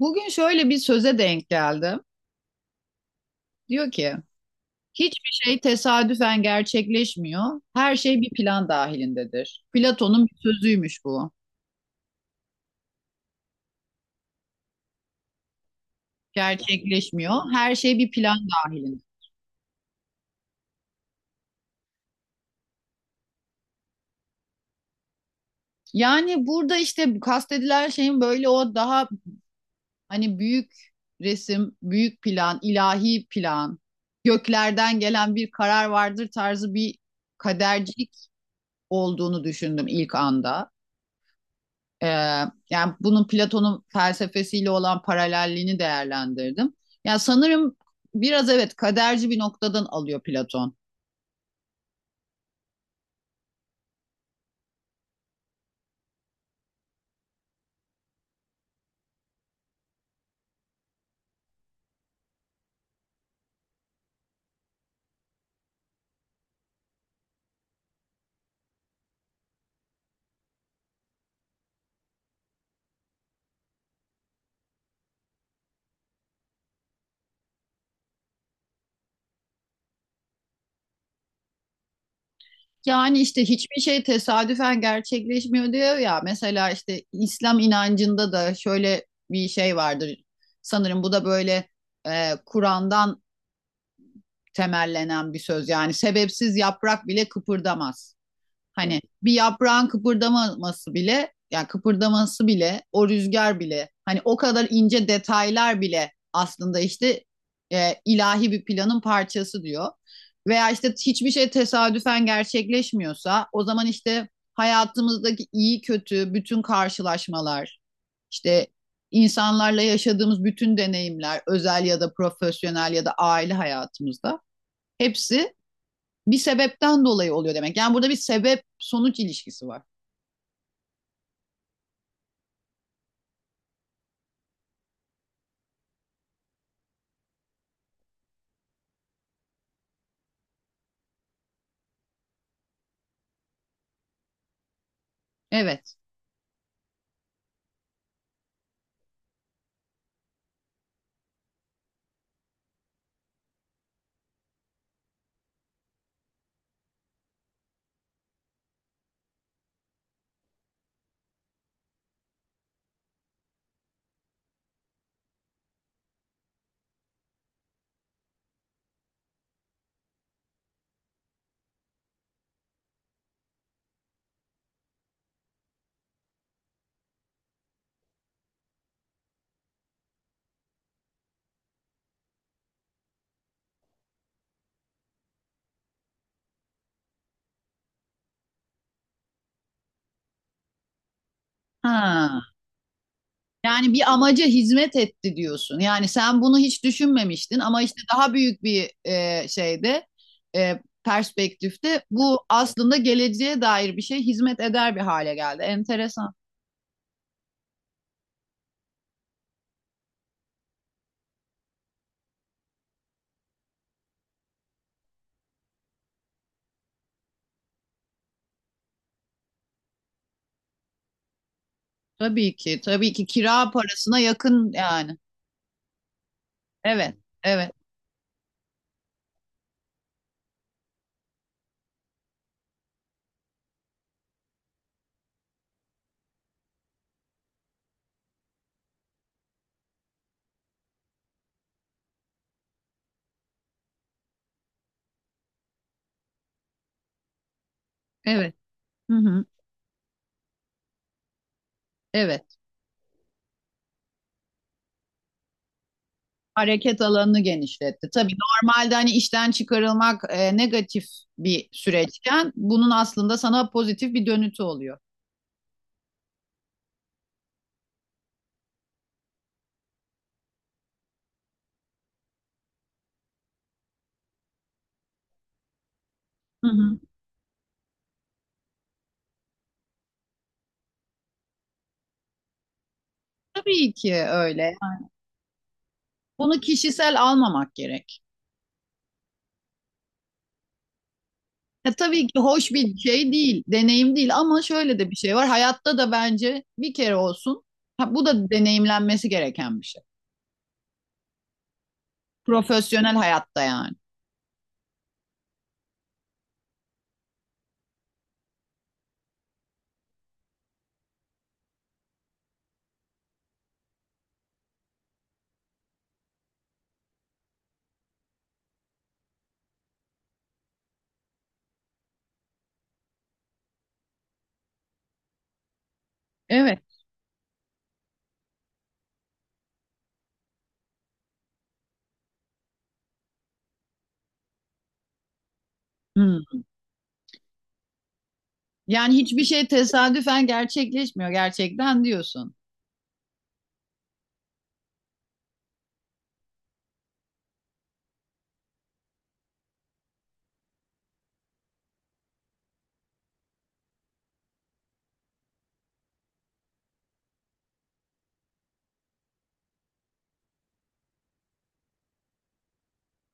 Bugün şöyle bir söze denk geldim. Diyor ki, hiçbir şey tesadüfen gerçekleşmiyor. Her şey bir plan dahilindedir. Platon'un bir sözüymüş bu. Gerçekleşmiyor. Her şey bir plan dahilinde. Yani burada işte bu kastedilen şeyin böyle o daha hani büyük resim, büyük plan, ilahi plan, göklerden gelen bir karar vardır tarzı bir kadercilik olduğunu düşündüm ilk anda. Ee, yani bunun Platon'un felsefesiyle olan paralelliğini değerlendirdim. Yani sanırım biraz evet kaderci bir noktadan alıyor Platon. Yani işte hiçbir şey tesadüfen gerçekleşmiyor diyor ya. Mesela işte İslam inancında da şöyle bir şey vardır. Sanırım bu da böyle Kur'an'dan temellenen bir söz. Yani sebepsiz yaprak bile kıpırdamaz. Hani bir yaprağın kıpırdaması bile, yani kıpırdaması bile, o rüzgar bile, hani o kadar ince detaylar bile aslında işte ilahi bir planın parçası diyor. Veya işte hiçbir şey tesadüfen gerçekleşmiyorsa, o zaman işte hayatımızdaki iyi kötü bütün karşılaşmalar, işte insanlarla yaşadığımız bütün deneyimler, özel ya da profesyonel ya da aile hayatımızda hepsi bir sebepten dolayı oluyor demek. Yani burada bir sebep sonuç ilişkisi var. Evet. Ha. Yani bir amaca hizmet etti diyorsun. Yani sen bunu hiç düşünmemiştin ama işte daha büyük bir şeyde, perspektifte bu aslında geleceğe dair bir şey hizmet eder bir hale geldi. Enteresan. Tabii ki, tabii ki kira parasına yakın yani. Evet, evet, evet. Hı hı, evet. Hareket alanını genişletti. Tabii normalde hani işten çıkarılmak negatif bir süreçken bunun aslında sana pozitif bir dönütü oluyor. Hı hı. Tabii ki öyle. Yani bunu kişisel almamak gerek. Ya tabii ki hoş bir şey değil, deneyim değil ama şöyle de bir şey var. Hayatta da bence bir kere olsun. Ha, bu da deneyimlenmesi gereken bir şey. Profesyonel hayatta yani. Evet. Hı. Yani hiçbir şey tesadüfen gerçekleşmiyor gerçekten diyorsun.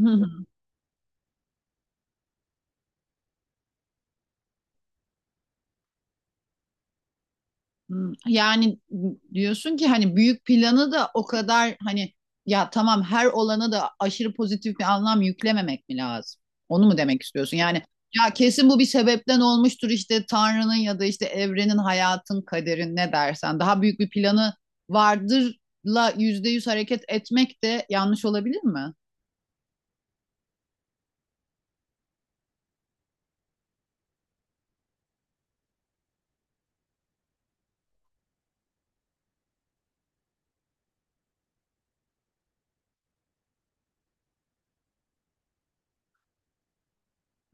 Hı hı. Yani diyorsun ki hani büyük planı da o kadar hani ya tamam her olana da aşırı pozitif bir anlam yüklememek mi lazım? Onu mu demek istiyorsun? Yani ya kesin bu bir sebepten olmuştur işte Tanrı'nın ya da işte evrenin, hayatın, kaderin ne dersen. Daha büyük bir planı vardırla yüzde yüz hareket etmek de yanlış olabilir mi?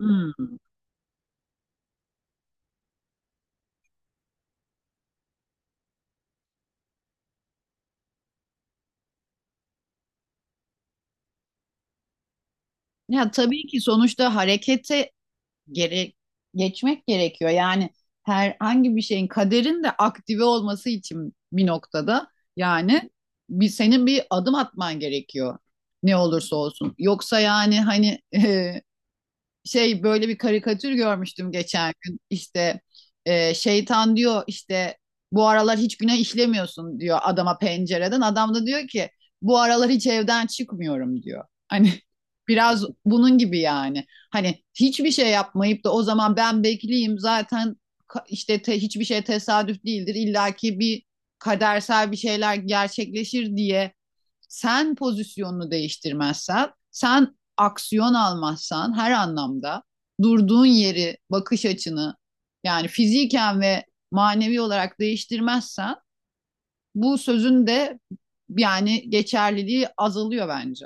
Hmm. Ya tabii ki sonuçta harekete gere geçmek gerekiyor. Yani herhangi bir şeyin kaderin de aktive olması için bir noktada yani bir senin bir adım atman gerekiyor ne olursa olsun. Yoksa yani hani şey böyle bir karikatür görmüştüm geçen gün. İşte şeytan diyor işte bu aralar hiç günah işlemiyorsun diyor adama pencereden. Adam da diyor ki bu aralar hiç evden çıkmıyorum diyor. Hani biraz bunun gibi yani. Hani hiçbir şey yapmayıp da o zaman ben bekleyeyim zaten hiçbir şey tesadüf değildir. İllaki bir kadersel bir şeyler gerçekleşir diye sen pozisyonunu değiştirmezsen, sen aksiyon almazsan her anlamda durduğun yeri, bakış açını yani fiziken ve manevi olarak değiştirmezsen bu sözün de yani geçerliliği azalıyor bence.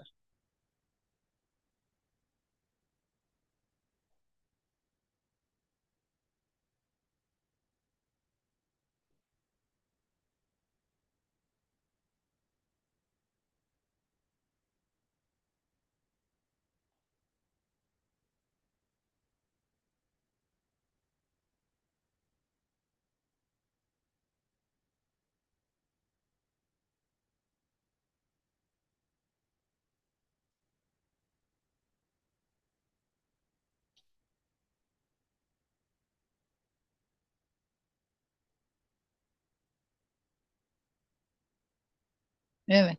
Evet.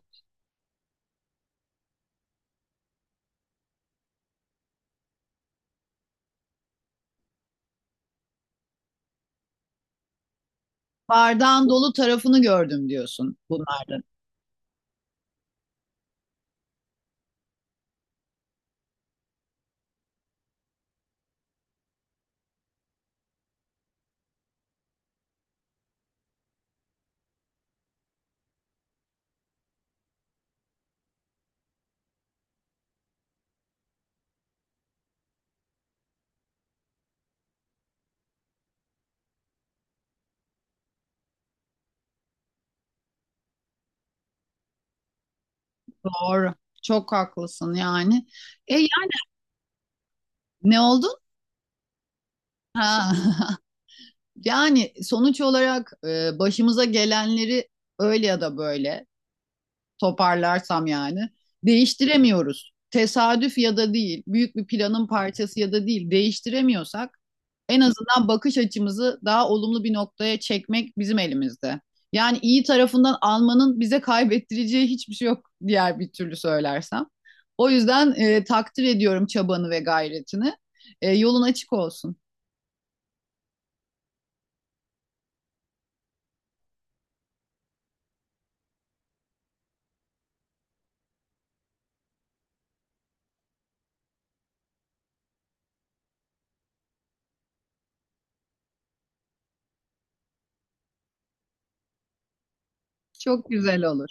Bardağın dolu tarafını gördüm diyorsun bunlardan. Doğru. Çok haklısın yani. Yani ne oldun? Ha. Yani sonuç olarak başımıza gelenleri öyle ya da böyle toparlarsam yani. Değiştiremiyoruz. Tesadüf ya da değil, büyük bir planın parçası ya da değil değiştiremiyorsak en azından bakış açımızı daha olumlu bir noktaya çekmek bizim elimizde. Yani iyi tarafından almanın bize kaybettireceği hiçbir şey yok diğer bir türlü söylersem. O yüzden takdir ediyorum çabanı ve gayretini. Yolun açık olsun. Çok güzel olur.